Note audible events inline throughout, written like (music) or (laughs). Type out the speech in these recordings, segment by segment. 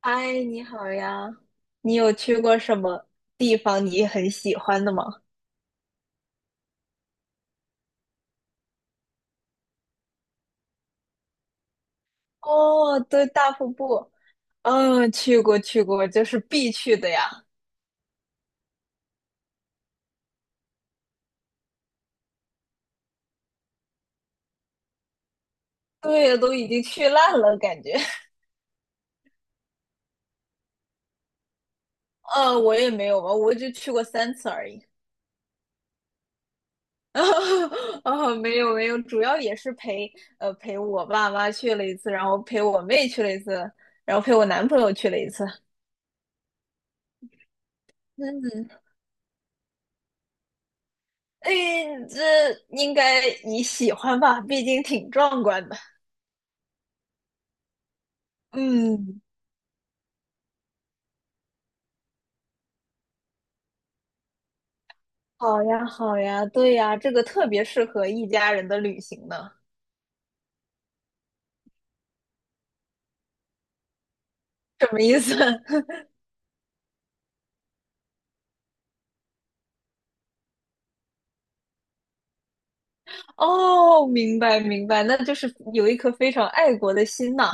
嗨，你好呀！你有去过什么地方你很喜欢的吗？哦，对，大瀑布，嗯，去过，就是必去的呀。对，都已经去烂了，感觉。我也没有吧，我就去过三次而已。(laughs) 啊，没有没有，主要也是陪陪我爸妈去了一次，然后陪我妹去了一次，然后陪我男朋友去了一次。嗯，哎，这应该你喜欢吧？毕竟挺壮观的。嗯，好呀，好呀，对呀，这个特别适合一家人的旅行呢。什么意思？(laughs) 哦，明白明白，那就是有一颗非常爱国的心呐。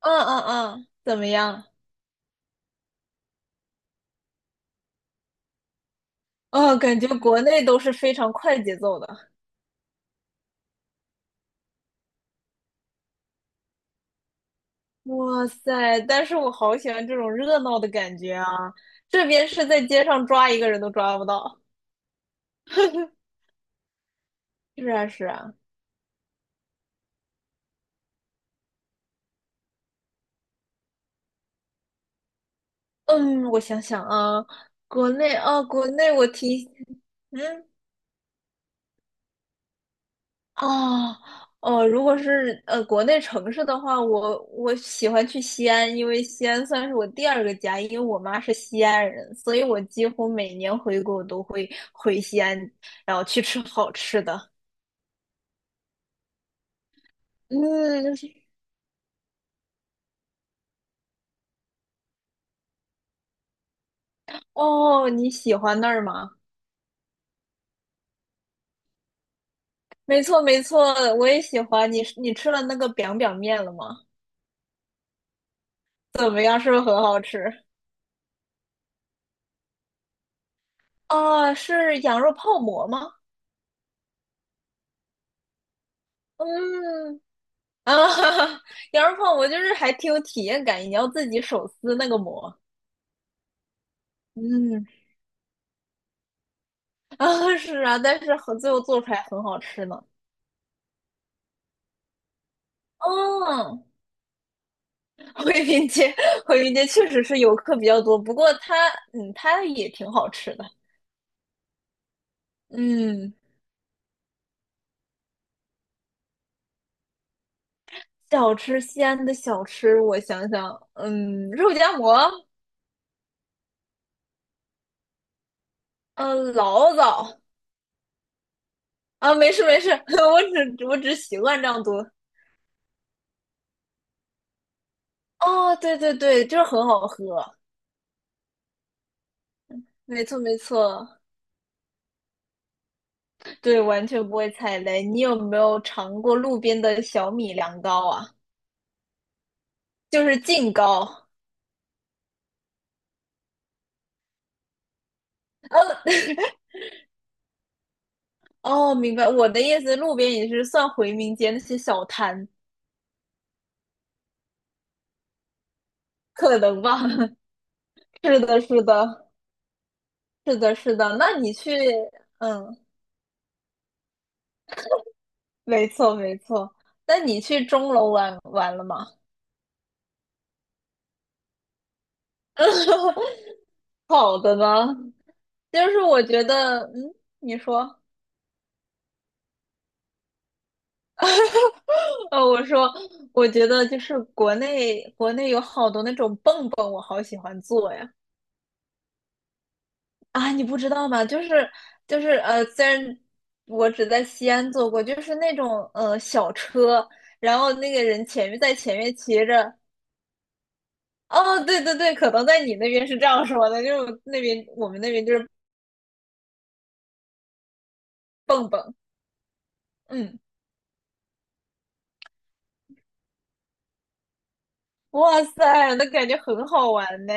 嗯嗯嗯，怎么样？哦，感觉国内都是非常快节奏的。哇塞，但是我好喜欢这种热闹的感觉啊！这边是在街上抓一个人都抓不到。(laughs) 是啊是啊，嗯，我想想啊，国内啊，国内我提，嗯。哦，哦，如果是国内城市的话，我喜欢去西安，因为西安算是我第二个家，因为我妈是西安人，所以我几乎每年回国都会回西安，然后去吃好吃的。嗯，哦，你喜欢那儿吗？没错，没错，我也喜欢。你吃了那个 biang biang 面了吗？怎么样？是不是很好吃？啊，是羊肉泡馍吗？嗯，啊，(laughs) 羊肉泡馍就是还挺有体验感，你要自己手撕那个馍。嗯，(laughs) 啊是啊，但是和最后做出来很好吃呢。嗯，回民街，回民街确实是游客比较多，不过它，嗯，它也挺好吃的。嗯，小吃，西安的小吃，我想想，嗯，肉夹馍，嗯，醪糟啊，没事没事，(laughs) 我只习惯这样读。哦，对对对，就是很好喝，没错没错。对，完全不会踩雷。你有没有尝过路边的小米凉糕啊？就是净糕。嗯，哦，明白。我的意思，路边也是算回民街那些小摊，可能吧？(laughs) 是的，是的，是的，是的。那你去，嗯，没错，没错。那你去钟楼玩玩了吗？(laughs) 好的呢，就是我觉得，嗯，你说，呃，我说，我觉得就是国内有好多那种蹦蹦，我好喜欢做呀。啊，你不知道吗？就是呃，虽然我只在西安坐过，就是那种小车，然后那个人前面在前面骑着。哦，对对对，可能在你那边是这样说的，就是那边我们那边就是蹦蹦。嗯，哇塞，那感觉很好玩呢。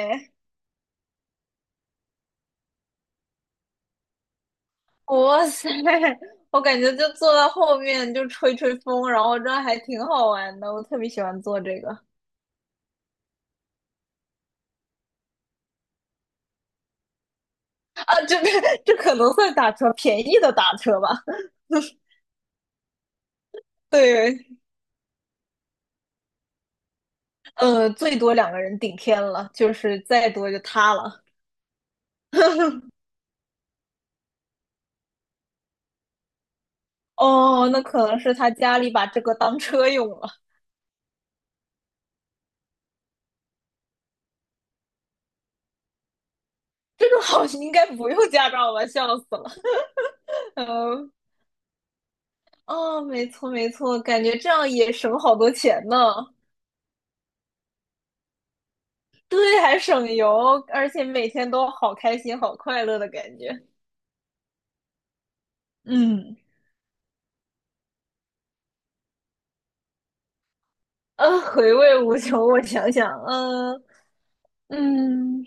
哇塞，我感觉就坐到后面就吹吹风，然后这样还挺好玩的。我特别喜欢坐这个啊，这 (laughs) 这可能算打车，便宜的打车吧。(laughs) 对，呃，最多两个人顶天了，就是再多就塌了。哦，那可能是他家里把这个当车用了。这个好像应该不用驾照吧？笑死了。嗯，哦，没错没错，感觉这样也省好多钱呢。对，还省油，而且每天都好开心、好快乐的感觉。嗯，呃，回味无穷。我想想，嗯、嗯，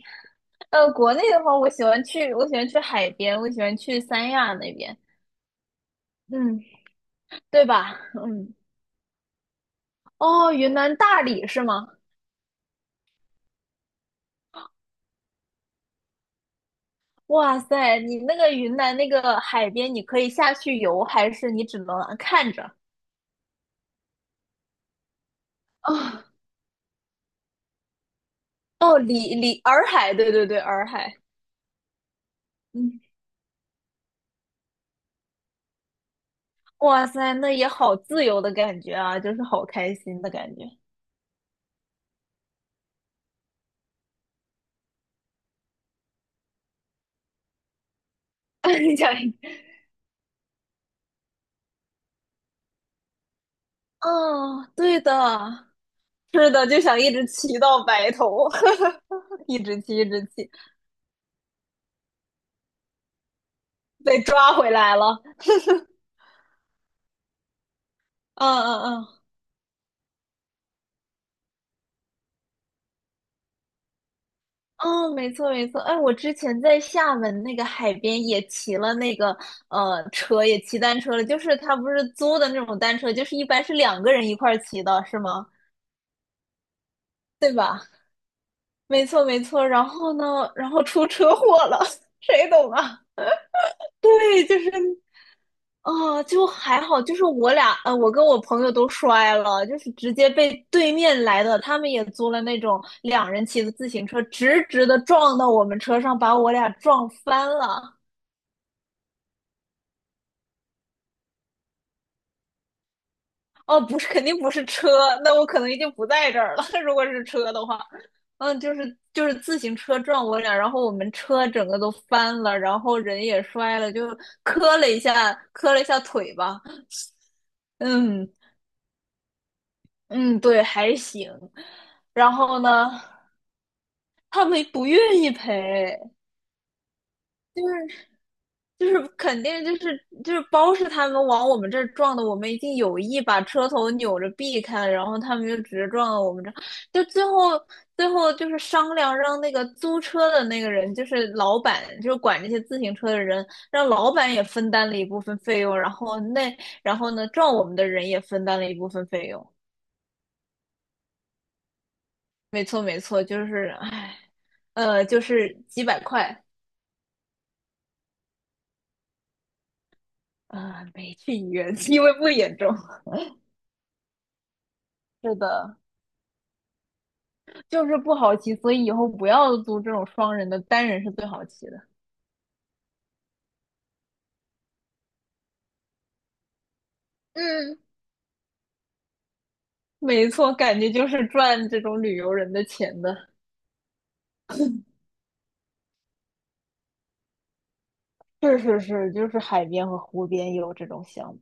呃，国内的话，我喜欢去，我喜欢去海边，我喜欢去三亚那边。嗯，对吧？(laughs) 嗯，哦，云南大理是吗？哇塞，你那个云南那个海边，你可以下去游，还是你只能看着？哦，哦，洱海，对对对，洱海。嗯，哇塞，那也好自由的感觉啊，就是好开心的感觉。(laughs) 你讲一个，嗯，对的，是的，就想一直骑到白头，(laughs) 一直骑，一直骑，被抓回来了。嗯嗯嗯。哦，没错没错，哎，我之前在厦门那个海边也骑了那个车，也骑单车了，就是他不是租的那种单车，就是一般是两个人一块儿骑的，是吗？对吧？没错没错，然后呢，然后出车祸了，(laughs) 谁懂啊？(laughs) 对，就是啊、就还好，就是我俩，我跟我朋友都摔了，就是直接被对面来的，他们也租了那种两人骑的自行车，直直的撞到我们车上，把我俩撞翻了。哦，不是，肯定不是车，那我可能已经不在这儿了。(laughs) 如果是车的话，嗯，就是自行车撞我俩，然后我们车整个都翻了，然后人也摔了，就磕了一下，磕了一下腿吧。嗯嗯，对，还行。然后呢，他们不愿意赔，就是。就是肯定包是他们往我们这儿撞的，我们已经有意把车头扭着避开了，然后他们就直接撞到我们这儿，就最后就是商量让那个租车的那个人，就是老板，就是管这些自行车的人，让老板也分担了一部分费用，然后那然后呢撞我们的人也分担了一部分费用，没错没错，就是唉，就是几百块，啊，没去医院，因为不严重，(laughs) 是的。就是不好骑，所以以后不要租这种双人的，单人是最好骑的。嗯，没错，感觉就是赚这种旅游人的钱的。是是是，就是海边和湖边有这种项目。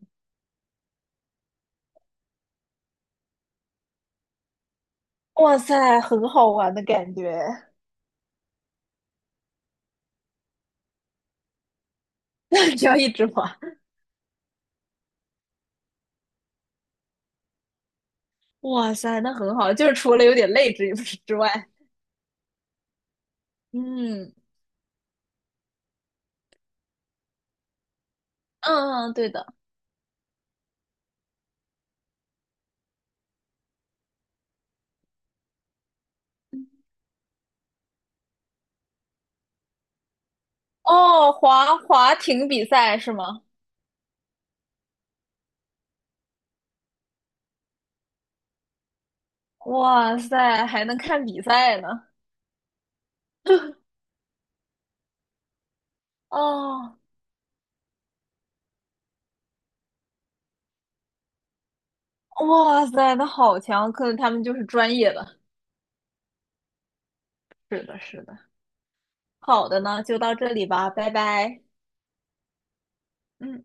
哇塞，很好玩的感觉，(laughs) 只要一直滑。哇塞，那很好，就是除了有点累之外，嗯嗯，对的。哦，滑滑艇比赛是吗？哇塞，还能看比赛呢。哦，哇塞，那好强！可能他们就是专业的。是的，是的。好的呢，就到这里吧，拜拜。嗯。